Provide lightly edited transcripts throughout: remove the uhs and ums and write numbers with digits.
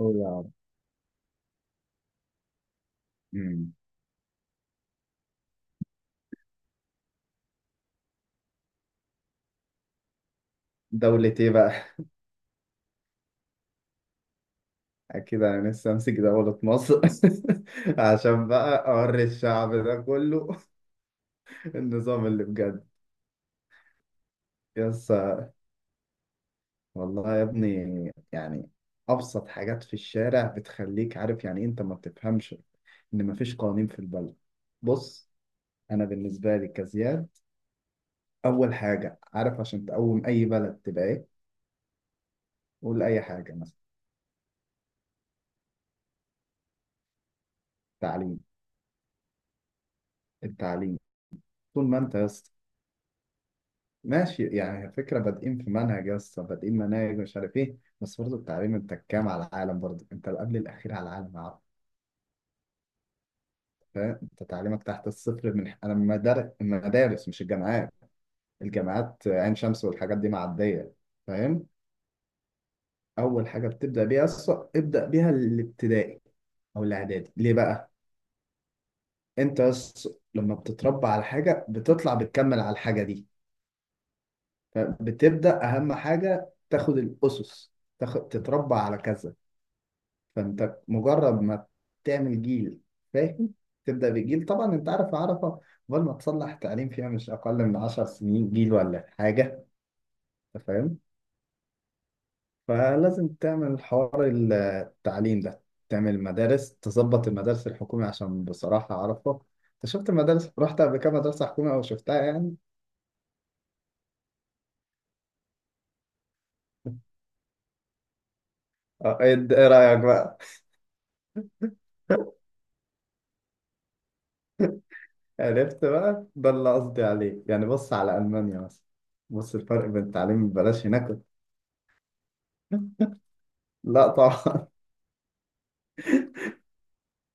هو يا عم. مم. دولة ايه بقى؟ أكيد أنا لسه أمسك دولة مصر. عشان بقى أوري الشعب ده كله النظام اللي بجد. يس. والله يا ابني يعني أبسط حاجات في الشارع بتخليك عارف يعني إيه أنت ما بتفهمش إن مفيش قوانين في البلد. بص، أنا بالنسبة لي كزياد، أول حاجة عارف عشان تقوم أي بلد تبقى إيه؟ قول أي حاجة مثلا. تعليم. التعليم. طول ما أنت يا اسطى ماشي يعني فكرة بادئين في منهج يا اسطى، بادئين مناهج مش عارف ايه، بس برضه التعليم انت كام على العالم؟ برضه انت قبل الأخير على العالم يا عبد. فاهم؟ انت تعليمك تحت الصفر من انا المدارس مش الجامعات. الجامعات عين شمس والحاجات دي معدية. فاهم. أول حاجة بتبدأ بيها يا اسطى، ابدأ بيها الابتدائي أو الإعدادي. ليه بقى؟ انت يا اسطى لما بتتربى على حاجة بتطلع بتكمل على الحاجة دي. فبتبدأ أهم حاجة تاخد الأسس، تاخد تتربى على كذا. فانت مجرد ما تعمل جيل، فاهم، تبدا بجيل. طبعا انت عارف عرفه، قبل ما تصلح تعليم فيها مش اقل من 10 سنين جيل ولا حاجه. انت فاهم. فلازم تعمل حوار التعليم ده، تعمل مدارس، تظبط المدارس الحكومي، عشان بصراحه عرفه. انت شفت المدارس؟ رحت قبل كده مدرسه حكومي او شفتها يعني؟ اه، ايه رايك بقى؟ عرفت بقى؟ ده اللي قصدي عليه. يعني بص على المانيا مثلا، بص الفرق بين التعليم ببلاش هناك. لا طبعا.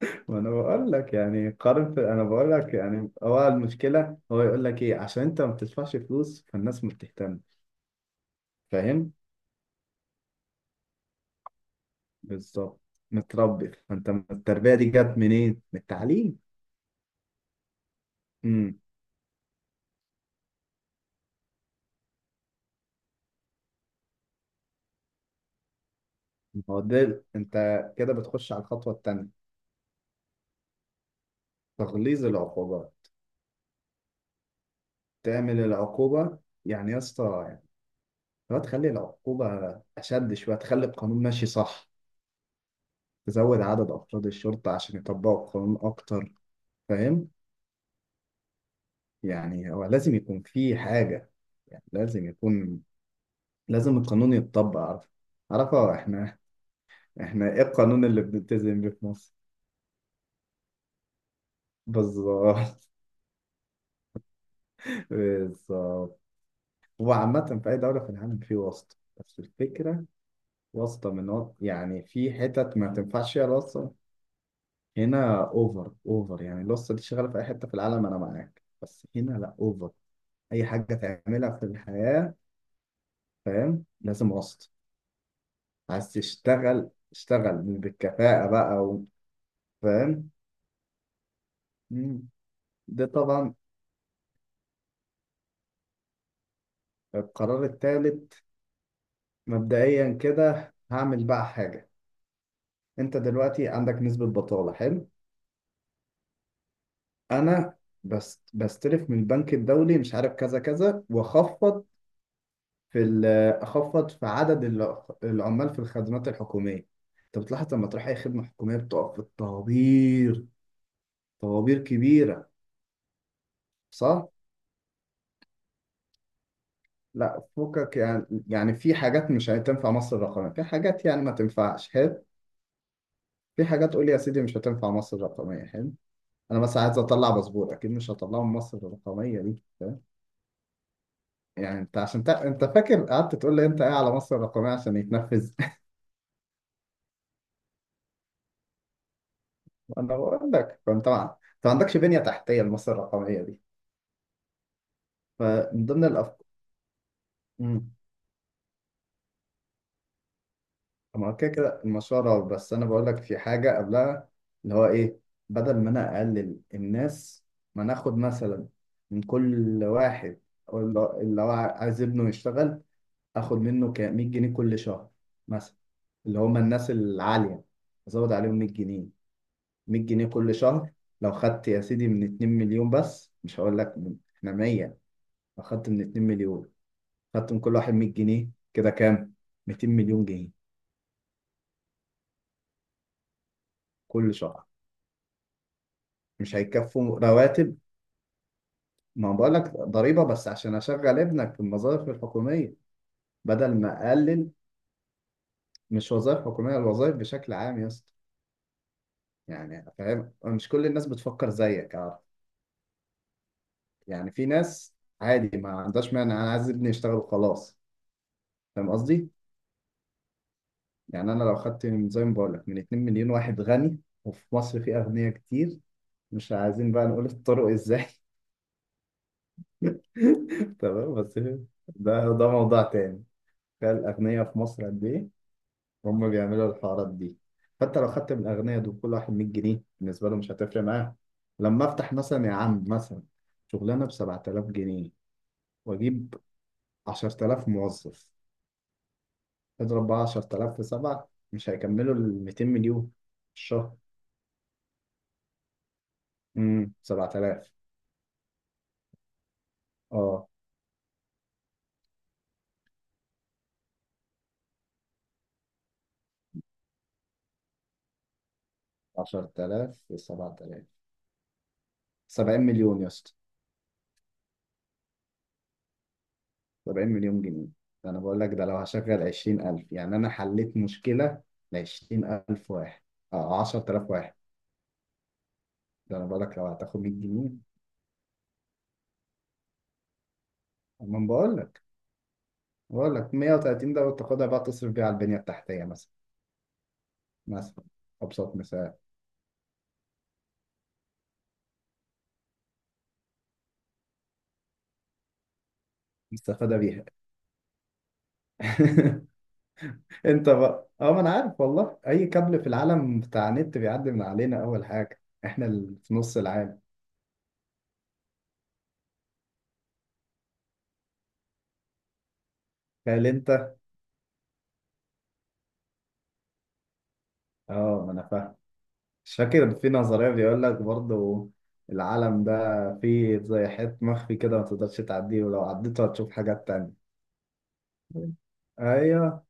ما انا بقول لك يعني قارن في، انا بقول لك يعني هو المشكله، هو يقول لك ايه عشان انت ما بتدفعش فلوس فالناس ما بتهتم. فاهم؟ بالظبط. متربي، فانت التربيه دي جت منين؟ من التعليم. امم هو ده، انت كده بتخش على الخطوه الثانيه: تغليظ العقوبه. تعمل العقوبه يعني يا اسطى، يعني لو تخلي العقوبه اشد شويه تخلي القانون ماشي صح. تزود عدد افراد الشرطه عشان يطبقوا القانون اكتر. فاهم؟ يعني هو لازم يكون في حاجة، يعني لازم يكون، لازم القانون يتطبق. عارف؟ عارفة احنا؟ احنا ايه القانون اللي بنلتزم بيه في مصر؟ بالظبط. بالظبط. هو عامة في أي دولة في العالم في واسطة، بس الفكرة واسطة من يعني في حتت ما تنفعش فيها الواسطة. هنا اوفر اوفر. يعني الواسطة دي شغالة في أي حتة في العالم، أنا معاك، بس هنا لا، اوفر. أي حاجة تعملها في الحياة، فاهم، لازم واسطة. عايز تشتغل اشتغل مش بالكفاءة بقى فاهم. مم. ده طبعا. القرار الثالث، مبدئيا كده هعمل بقى حاجة. انت دلوقتي عندك نسبة بطالة، حلو؟ انا بس بستلف من البنك الدولي مش عارف كذا كذا، واخفض في اخفض في عدد العمال في الخدمات الحكومية. انت بتلاحظ لما تروح اي خدمة حكومية بتقف في الطوابير، طوابير كبيرة. صح؟ لا فوقك يعني، في حاجات مش هتنفع مصر الرقمية، في حاجات يعني ما تنفعش، حلو؟ في حاجات قول لي يا سيدي مش هتنفع مصر الرقمية، حلو؟ انا مثلا عايز اطلع باسبور، اكيد مش هطلعه من مصر الرقمية دي. فاهم؟ يعني انت عشان انت فاكر قعدت تقول لي انت ايه على مصر الرقمية عشان يتنفذ. انا بقول لك فانت ما، انت ما عندكش بنية تحتية لمصر الرقمية دي. فمن ضمن الافكار، ما كده كده المشروع رعب، بس انا بقول لك في حاجه قبلها، اللي هو ايه: بدل ما انا اقلل الناس، ما ناخد مثلا من كل واحد اللي هو عايز ابنه يشتغل اخد منه ك 100 جنيه كل شهر، مثلا. اللي هم الناس العاليه، ازود عليهم 100 جنيه. 100 جنيه كل شهر. لو خدت يا سيدي من 2 مليون، بس مش هقول لك احنا 100. لو خدت من 2 مليون، خدت من كل واحد 100 جنيه، كده كام؟ 200 مليون جنيه كل شهر. مش هيكفوا رواتب. ما بقول لك ضريبة بس عشان أشغل ابنك في الوظائف الحكومية، بدل ما أقلل. مش وظائف حكومية، الوظائف بشكل عام يا اسطى. يعني فاهم؟ مش كل الناس بتفكر زيك، عارف؟ يعني في ناس عادي ما عندهاش مانع، أنا عايز ابني يشتغل وخلاص. فاهم قصدي؟ يعني أنا لو خدت زي ما بقول لك من 2 مليون واحد غني، وفي مصر في أغنياء كتير، مش عايزين بقى نقول الطرق إزاي. تمام، بس ده موضوع تاني. تخيل الأغنياء في مصر قد إيه، هم بيعملوا الحوارات دي. حتى لو خدت من الأغنياء دول كل واحد 100 جنيه، بالنسبة له مش هتفرق معاه. لما أفتح مثلا يا عم، مثلا شغلانة ب 7000 جنيه، وأجيب 10000 موظف، اضرب بقى 10000 في 7، مش هيكملوا ال 200 مليون في الشهر. 7000. اه. 10000 في 7000، 70 مليون يا اسطى. 70 مليون جنيه. ده أنا بقول لك، ده لو هشغل 20000 يعني أنا حليت مشكلة ل 20000 واحد أو 10000 واحد. ده انا بقول لك لو هتاخد 100 جنيه. اما بقول لك 130، ده وتاخدها بقى تصرف بيها على البنيه التحتيه مثلا. مثلا ابسط مثال. مستفاده بيها. انت بقى، اه ما انا عارف والله، اي كابل في العالم بتاع نت بيعدي من علينا. اول حاجه احنا اللي في نص العالم. تخيل انت. اه ما انا فاهم. مش فاكر في نظريه بيقول لك برضه العالم ده فيه زي حيط مخفي كده ما تقدرش تعديه، ولو عديته هتشوف حاجات تانية. ايوه،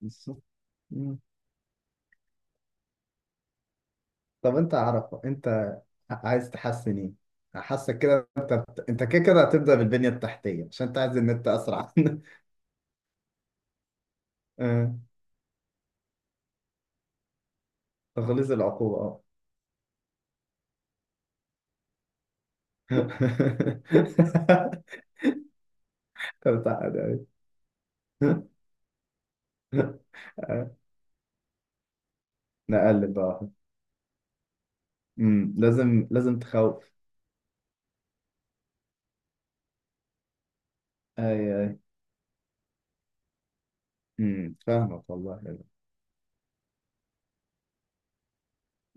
بالظبط. طب انت عارف انت عايز تحسن ايه؟ حاسك كده انت انت كده كده هتبدأ بالبنية التحتية عشان انت عايز النت اسرع. اه، تخليص العقوبة، اه. طب تعالى يعني. اه، نقلب بقى واحد. لازم، تخوف. اي، اي. فاهمك والله.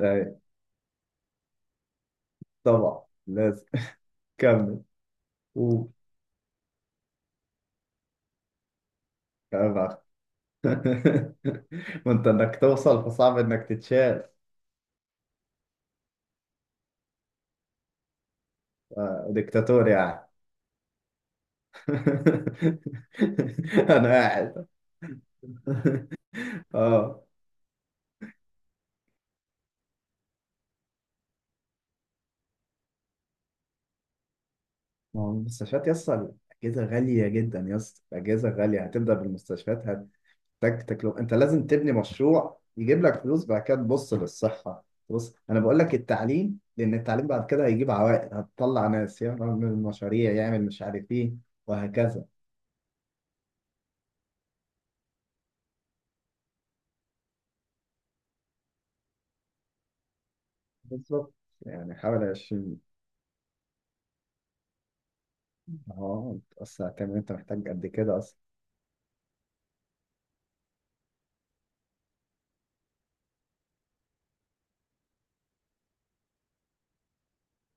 اي، طبعا لازم. كمل. و. ما انت انك توصل فصعب انك تتشال. اه، دكتاتور يعني. انا قاعد. اه، ما هو المستشفيات يا اسطى، الاجهزه غاليه جدا يا اسطى، الاجهزه غاليه. هتبدا بالمستشفيات، هتحتاج تكلفه. انت لازم تبني مشروع يجيب لك فلوس، بعد كده تبص للصحه. بص انا بقول لك التعليم، لان التعليم بعد كده هيجيب عوائد، هتطلع ناس يعمل مشاريع، يعمل مش عارف ايه، وهكذا. بالظبط. يعني حوالي 20. اه اصل هتعمل إيه؟ انت محتاج قد كده اصلا.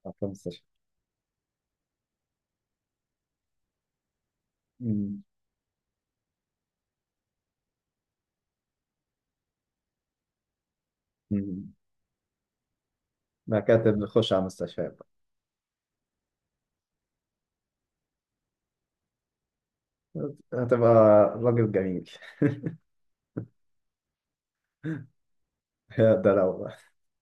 في المستشفى. مم. مم. مكاتب، نخش على المستشفيات. هتبقى راجل جميل. ده لو